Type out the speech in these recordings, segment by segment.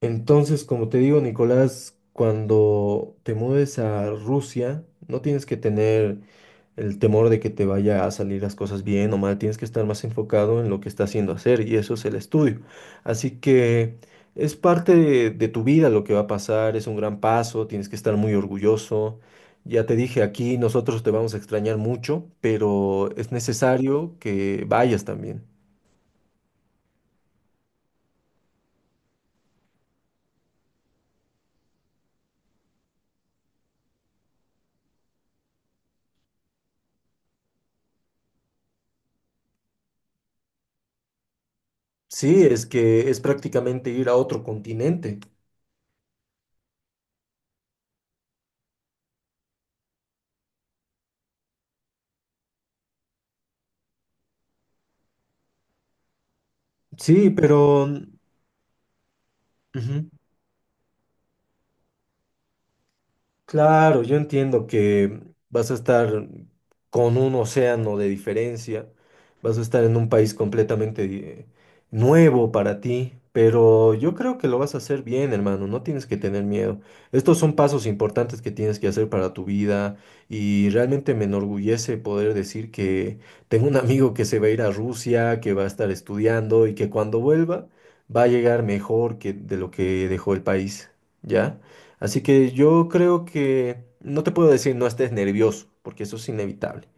Entonces, como te digo, Nicolás, cuando te mudes a Rusia, no tienes que tener el temor de que te vaya a salir las cosas bien o mal, tienes que estar más enfocado en lo que estás haciendo hacer y eso es el estudio. Así que es parte de tu vida lo que va a pasar, es un gran paso, tienes que estar muy orgulloso. Ya te dije, aquí nosotros te vamos a extrañar mucho, pero es necesario que vayas también. Sí, es que es prácticamente ir a otro continente. Sí, pero... ujú. Claro, yo entiendo que vas a estar con un océano de diferencia, vas a estar en un país completamente nuevo para ti, pero yo creo que lo vas a hacer bien, hermano, no tienes que tener miedo. Estos son pasos importantes que tienes que hacer para tu vida y realmente me enorgullece poder decir que tengo un amigo que se va a ir a Rusia, que va a estar estudiando y que cuando vuelva va a llegar mejor que de lo que dejó el país, ¿ya? Así que yo creo que no te puedo decir no estés nervioso, porque eso es inevitable.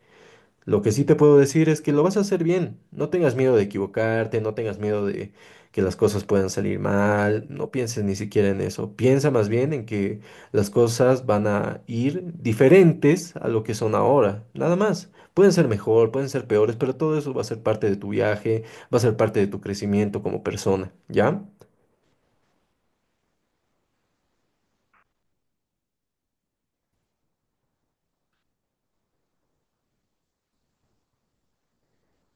Lo que sí te puedo decir es que lo vas a hacer bien. No tengas miedo de equivocarte, no tengas miedo de que las cosas puedan salir mal, no pienses ni siquiera en eso. Piensa más bien en que las cosas van a ir diferentes a lo que son ahora, nada más. Pueden ser mejor, pueden ser peores, pero todo eso va a ser parte de tu viaje, va a ser parte de tu crecimiento como persona, ¿ya?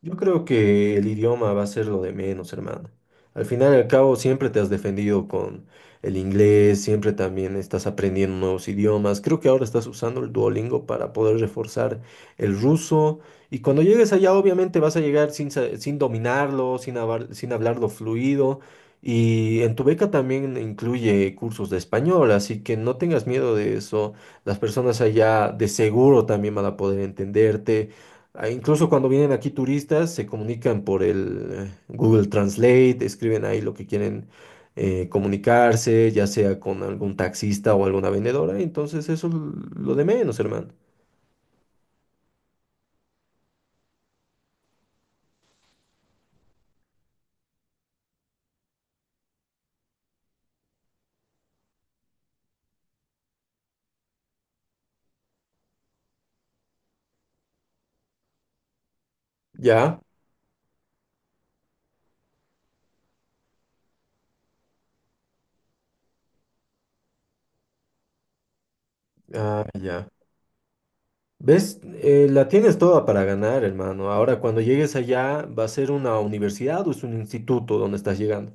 Yo creo que el idioma va a ser lo de menos, hermano. Al final y al cabo, siempre te has defendido con el inglés, siempre también estás aprendiendo nuevos idiomas. Creo que ahora estás usando el Duolingo para poder reforzar el ruso. Y cuando llegues allá, obviamente vas a llegar sin, sin dominarlo, sin, sin hablarlo fluido. Y en tu beca también incluye cursos de español, así que no tengas miedo de eso. Las personas allá de seguro también van a poder entenderte. Ah, incluso cuando vienen aquí turistas, se comunican por el Google Translate, escriben ahí lo que quieren comunicarse, ya sea con algún taxista o alguna vendedora. Entonces, eso es lo de menos, hermano. Ya, ah, ya. ¿Ves? La tienes toda para ganar, hermano. Ahora, cuando llegues allá, ¿va a ser una universidad o es un instituto donde estás llegando?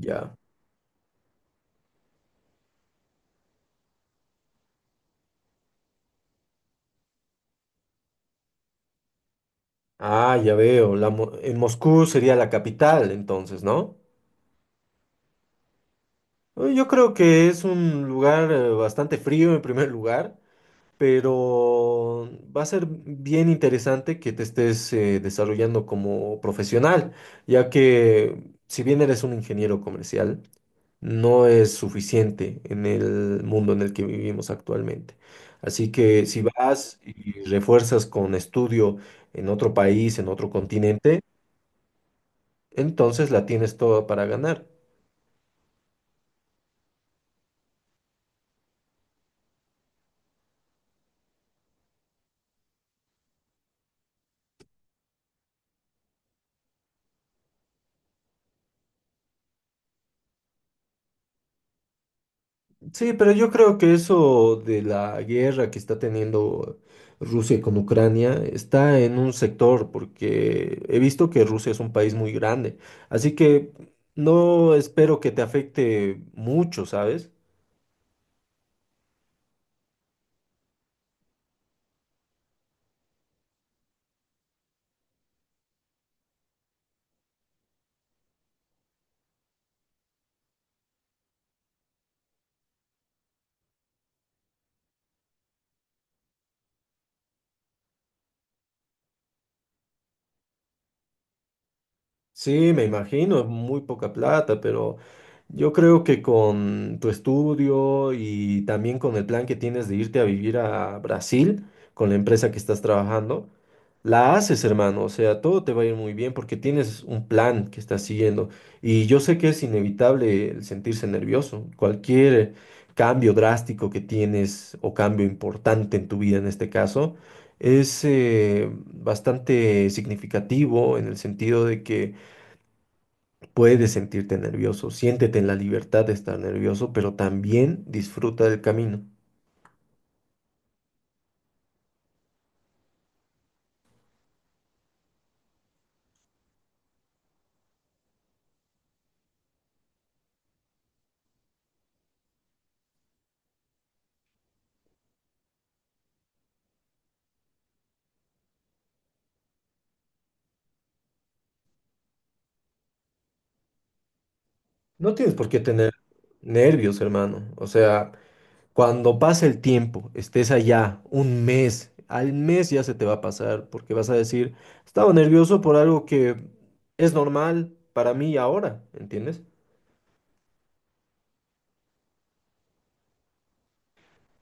Ya. Ah, ya veo. En Moscú sería la capital, entonces, ¿no? Yo creo que es un lugar bastante frío en primer lugar, pero va a ser bien interesante que te estés desarrollando como profesional, ya que si bien eres un ingeniero comercial, no es suficiente en el mundo en el que vivimos actualmente. Así que si vas y refuerzas con estudio en otro país, en otro continente, entonces la tienes toda para ganar. Sí, pero yo creo que eso de la guerra que está teniendo Rusia con Ucrania está en un sector, porque he visto que Rusia es un país muy grande, así que no espero que te afecte mucho, ¿sabes? Sí, me imagino, es muy poca plata, pero yo creo que con tu estudio y también con el plan que tienes de irte a vivir a Brasil con la empresa que estás trabajando, la haces, hermano, o sea, todo te va a ir muy bien porque tienes un plan que estás siguiendo. Y yo sé que es inevitable el sentirse nervioso. Cualquier cambio drástico que tienes o cambio importante en tu vida en este caso, es bastante significativo en el sentido de que puedes sentirte nervioso, siéntete en la libertad de estar nervioso, pero también disfruta del camino. No tienes por qué tener nervios, hermano. O sea, cuando pase el tiempo, estés allá un mes, al mes ya se te va a pasar porque vas a decir, estaba nervioso por algo que es normal para mí ahora, ¿entiendes?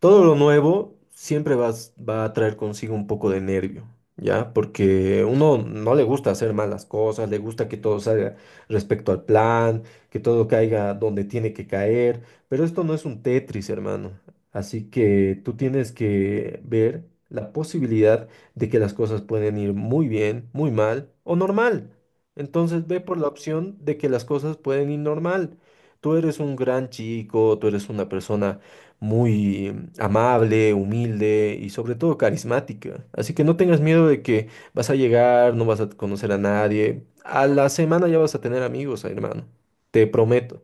Todo lo nuevo siempre va a traer consigo un poco de nervio, ¿ya? Porque uno no le gusta hacer malas cosas, le gusta que todo salga respecto al plan, que todo caiga donde tiene que caer, pero esto no es un Tetris, hermano. Así que tú tienes que ver la posibilidad de que las cosas pueden ir muy bien, muy mal o normal. Entonces ve por la opción de que las cosas pueden ir normal. Tú eres un gran chico, tú eres una persona muy amable, humilde y sobre todo carismática. Así que no tengas miedo de que vas a llegar, no vas a conocer a nadie. A la semana ya vas a tener amigos, hermano. Te prometo.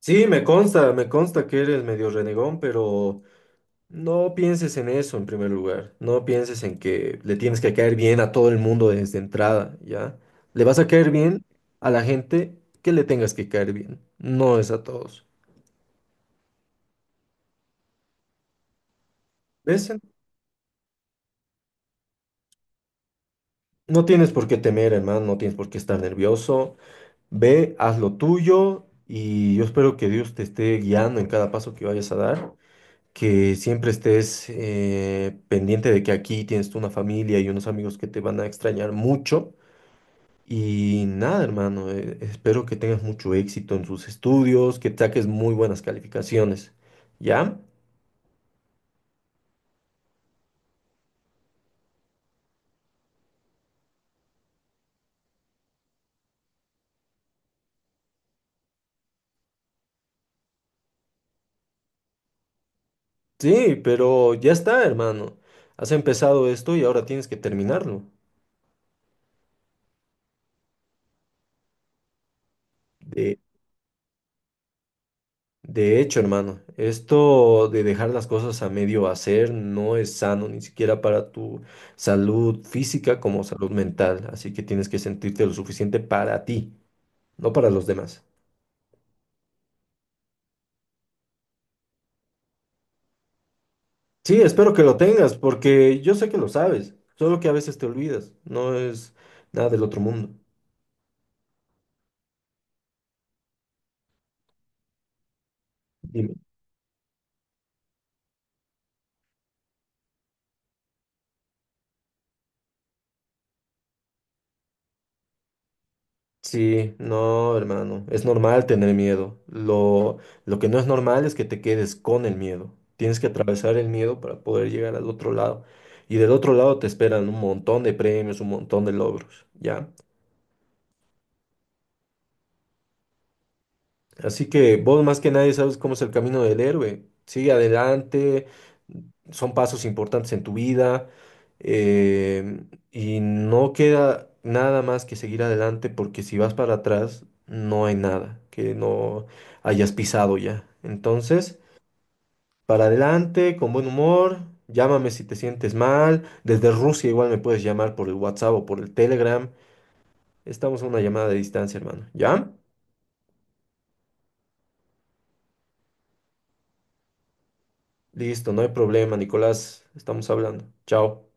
Sí, me consta que eres medio renegón, pero no pienses en eso en primer lugar. No pienses en que le tienes que caer bien a todo el mundo desde entrada, ¿ya? Le vas a caer bien a la gente que le tengas que caer bien, no es a todos. ¿Ves? No tienes por qué temer, hermano, no tienes por qué estar nervioso. Ve, haz lo tuyo y yo espero que Dios te esté guiando en cada paso que vayas a dar, que siempre estés pendiente de que aquí tienes tú una familia y unos amigos que te van a extrañar mucho. Y nada, hermano, espero que tengas mucho éxito en tus estudios, que saques muy buenas calificaciones. ¿Ya? Sí, pero ya está, hermano. Has empezado esto y ahora tienes que terminarlo. De hecho, hermano, esto de dejar las cosas a medio hacer no es sano ni siquiera para tu salud física como salud mental, así que tienes que sentirte lo suficiente para ti, no para los demás. Sí, espero que lo tengas, porque yo sé que lo sabes, solo que a veces te olvidas, no es nada del otro mundo. Dime. Sí, no, hermano, es normal tener miedo. Lo que no es normal es que te quedes con el miedo. Tienes que atravesar el miedo para poder llegar al otro lado. Y del otro lado te esperan un montón de premios, un montón de logros, ¿ya? Así que vos más que nadie sabes cómo es el camino del héroe. Sigue adelante, son pasos importantes en tu vida eh, y no queda nada más que seguir adelante porque si vas para atrás no hay nada que no hayas pisado ya. Entonces, para adelante, con buen humor, llámame si te sientes mal. Desde Rusia igual me puedes llamar por el WhatsApp o por el Telegram. Estamos a una llamada de distancia, hermano. ¿Ya? Listo, no hay problema, Nicolás. Estamos hablando. Chao.